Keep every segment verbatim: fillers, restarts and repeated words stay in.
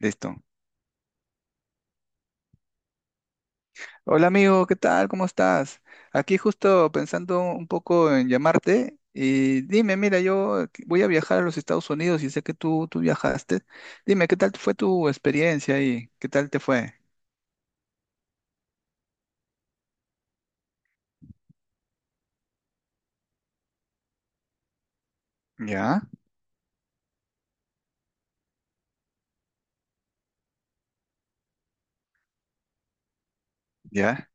Listo. Hola amigo, ¿qué tal? ¿Cómo estás? Aquí justo pensando un poco en llamarte y dime, mira, yo voy a viajar a los Estados Unidos y sé que tú, tú viajaste. Dime, ¿qué tal fue tu experiencia y qué tal te fue? Ya, ya.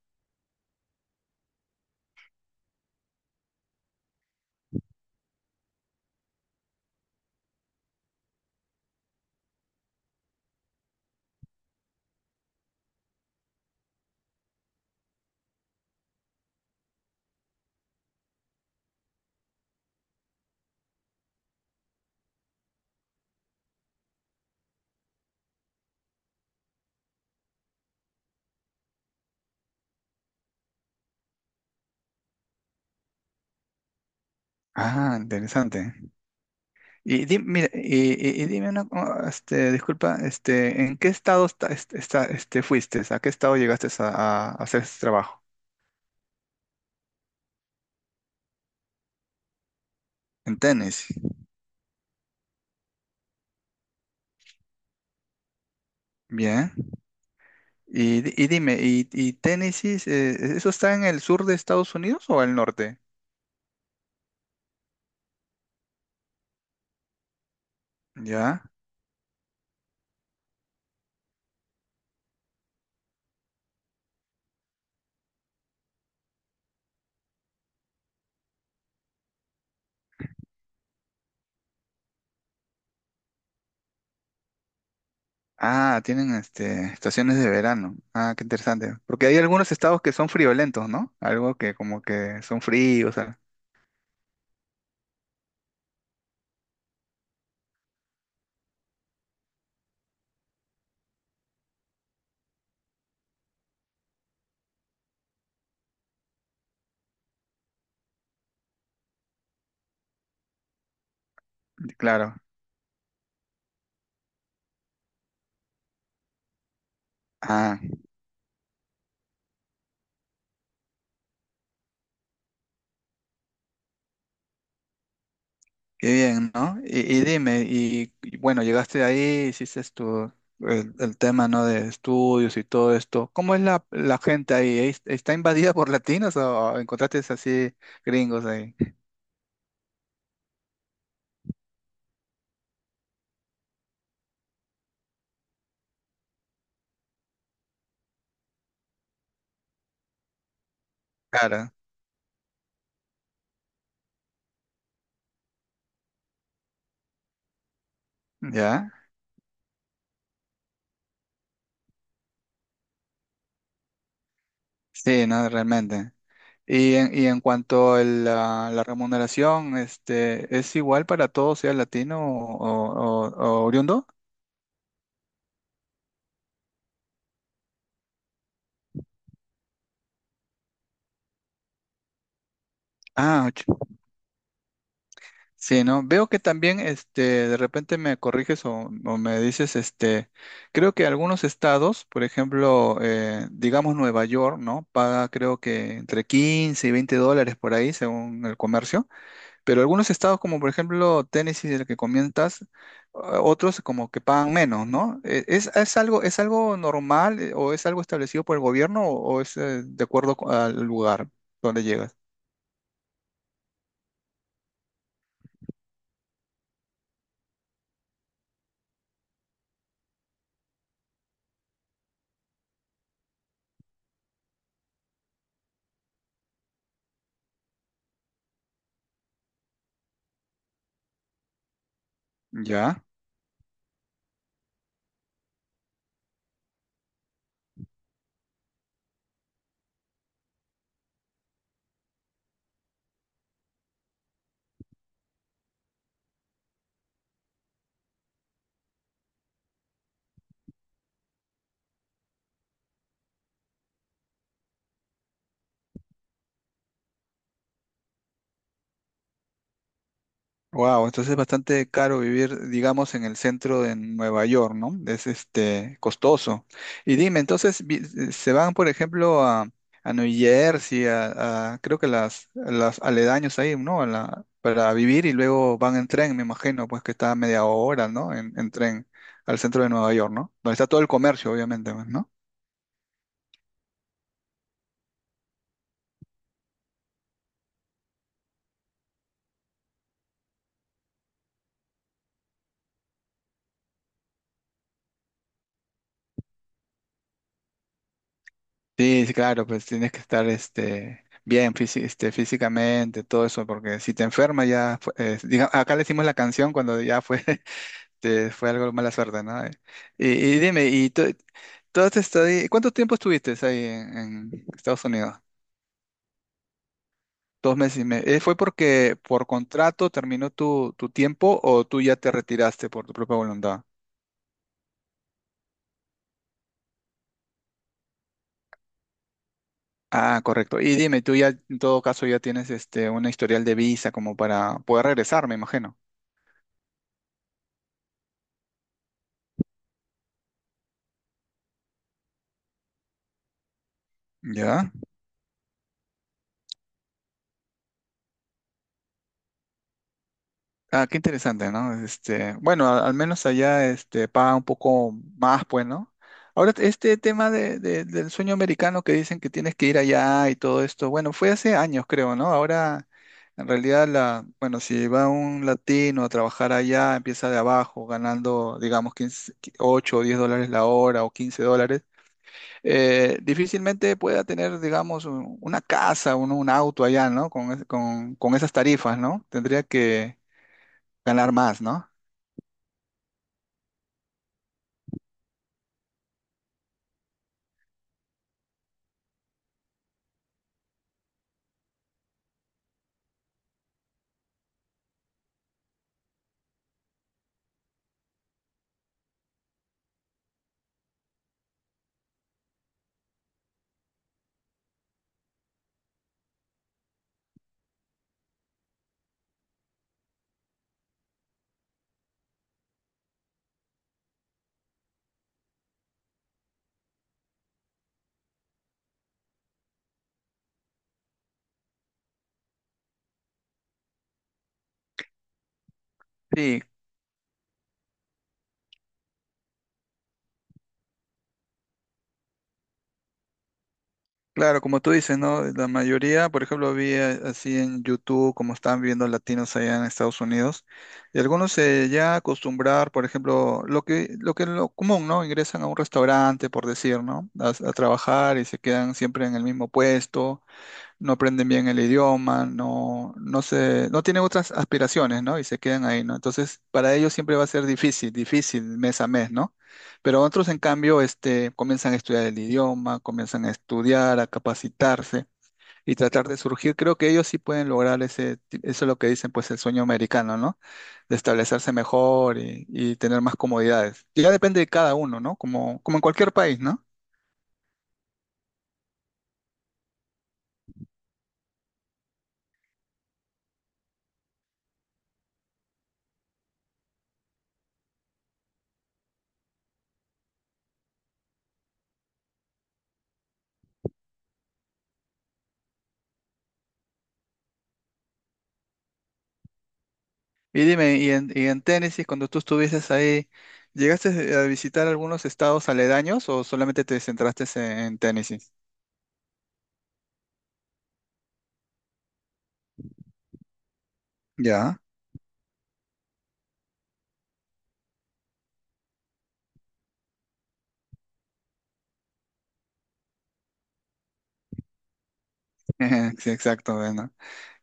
Ah, interesante. Y dime, mira, y, y- y dime una, co- este, disculpa, este, ¿en qué estado esta- est- esta- este, fuiste? ¿A qué estado llegaste a, a hacer este trabajo? En Tennessee. Bien. Y, di- y dime, ¿y, y Tennessee, eh, eso está en el sur de Estados Unidos o al norte? Ya. Ah, tienen este, estaciones de verano. Ah, qué interesante. Porque hay algunos estados que son friolentos, ¿no? Algo que como que son fríos, o sea, claro. Ah, qué bien, ¿no? Y, y dime, y, y bueno, llegaste ahí, hiciste tu, el, el tema, ¿no? De estudios y todo esto. ¿Cómo es la, la gente ahí? ¿Es- ¿Está invadida por latinos o encontraste así gringos ahí? Claro, ya. Sí, no, realmente. Y en, y en cuanto a la, la remuneración, este, ¿es igual para todos, sea latino o, o- o oriundo? Ah, ch- sí, ¿no? Veo que también, este, de repente me corriges o, o me dices, este, creo que algunos estados, por ejemplo, eh, digamos Nueva York, ¿no? Paga creo que entre quince y veinte dólares por ahí, según el comercio. Pero algunos estados, como por ejemplo Tennessee, del que comentas, o- otros como que pagan menos, ¿no? E- ¿Es, es algo, es algo normal eh, o es algo establecido por el gobierno o, o es eh, de acuerdo co- al lugar donde llegas? Ya. Wow, entonces es bastante caro vivir, digamos, en el centro de Nueva York, ¿no? Es este costoso. Y dime, entonces vi- eh, se van, por ejemplo, a, a New Jersey, a, a- creo que las, las aledaños ahí, ¿no? A la- para vivir y luego van en tren, me imagino, pues que está a media hora, ¿no? En, en tren al centro de Nueva York, ¿no? Donde está todo el comercio, obviamente, pues, ¿no? Sí, sí, claro, pues tienes que estar este, bien físi- este, físicamente, todo eso, porque si te enfermas ya, fue- eh, diga- acá le hicimos la canción cuando ya fue, este, fue algo de mala suerte, ¿no? Eh, Y, y dime, ¿y tú, tú has estado ahí- cuánto tiempo estuviste ahí en, en Estados Unidos? Dos meses y medio. Eh, ¿Fue porque por contrato terminó tu, tu tiempo o tú ya te retiraste por tu propia voluntad? Ah, correcto. Y dime, tú ya en todo caso ya tienes este, una historial de visa como para poder regresar, me imagino. ¿Ya? Ah, qué interesante, ¿no? Este, bueno, a- al menos allá este, paga un poco más, pues, ¿no? Ahora, este tema de, de- del sueño americano que dicen que tienes que ir allá y todo esto, bueno, fue hace años, creo, ¿no? Ahora, en realidad, la, bueno, si va un latino a trabajar allá, empieza de abajo, ganando, digamos, quince, ocho o diez dólares la hora o quince dólares, eh, difícilmente pueda tener, digamos, un- una casa, un, un auto allá, ¿no? Con, es- con, con esas tarifas, ¿no? Tendría que ganar más, ¿no? Sí, claro, como tú dices, ¿no? La mayoría, por ejemplo, vi a- así en YouTube, como están viendo latinos allá en Estados Unidos, y algunos se ya acostumbrar, por ejemplo, lo que, lo que es lo común, ¿no? Ingresan a un restaurante, por decir, ¿no? A, a trabajar y se quedan siempre en el mismo puesto, no aprenden bien el idioma, no, no se, no tienen otras aspiraciones, ¿no? Y se quedan ahí, ¿no? Entonces, para ellos siempre va a ser difícil, difícil mes a mes, ¿no? Pero otros, en cambio, este, comienzan a estudiar el idioma, comienzan a estudiar, a capacitarse y tratar de surgir. Creo que ellos sí pueden lograr ese, ti- eso es lo que dicen, pues, el sueño americano, ¿no? De establecerse mejor y, y tener más comodidades. Ya depende de cada uno, ¿no? Como, como en cualquier país, ¿no? Y dime, y en, y en Tennessee, cuando tú estuvieses ahí, ¿llegaste a visitar algunos estados aledaños o solamente te centraste en, en Tennessee? Ya, sí, exacto, bueno.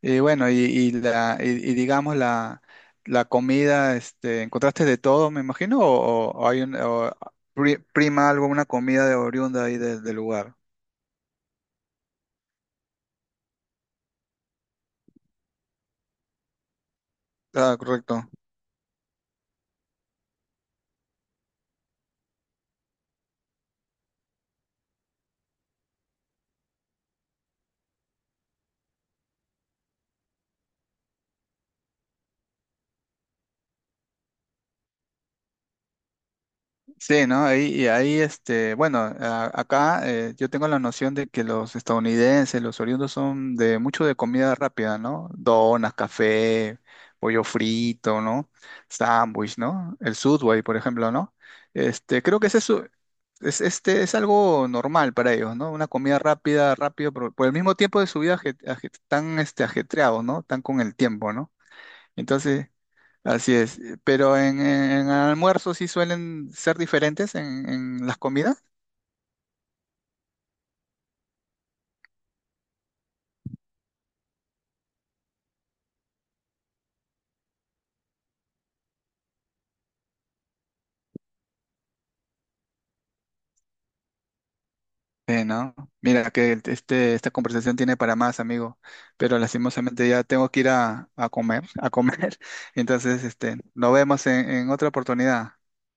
Y bueno, y, y la, y, y digamos la, la comida, este, ¿encontraste de todo, me imagino? ¿O, o hay un, o pri- prima alguna comida de oriunda ahí del del lugar? Ah, correcto. Sí, ¿no? Ahí, y ahí, este, bueno, a- acá eh, yo tengo la noción de que los estadounidenses, los oriundos son de mucho de comida rápida, ¿no? Donas, café, pollo frito, ¿no? Sándwich, ¿no? El Subway, por ejemplo, ¿no? Este, creo que ese es, su- es, este, es algo normal para ellos, ¿no? Una comida rápida, rápido, por, por el mismo tiempo de su vida aje- aje- tan este, ajetreados, ¿no? Tan con el tiempo, ¿no? Entonces, así es. eh, Pero en, en, en almuerzos sí suelen ser diferentes en, en las comidas. Eh, no. Mira que el- este, esta conversación tiene para más, amigo. Pero lastimosamente ya tengo que ir a, a comer, a comer. Entonces, este, nos vemos en en otra oportunidad.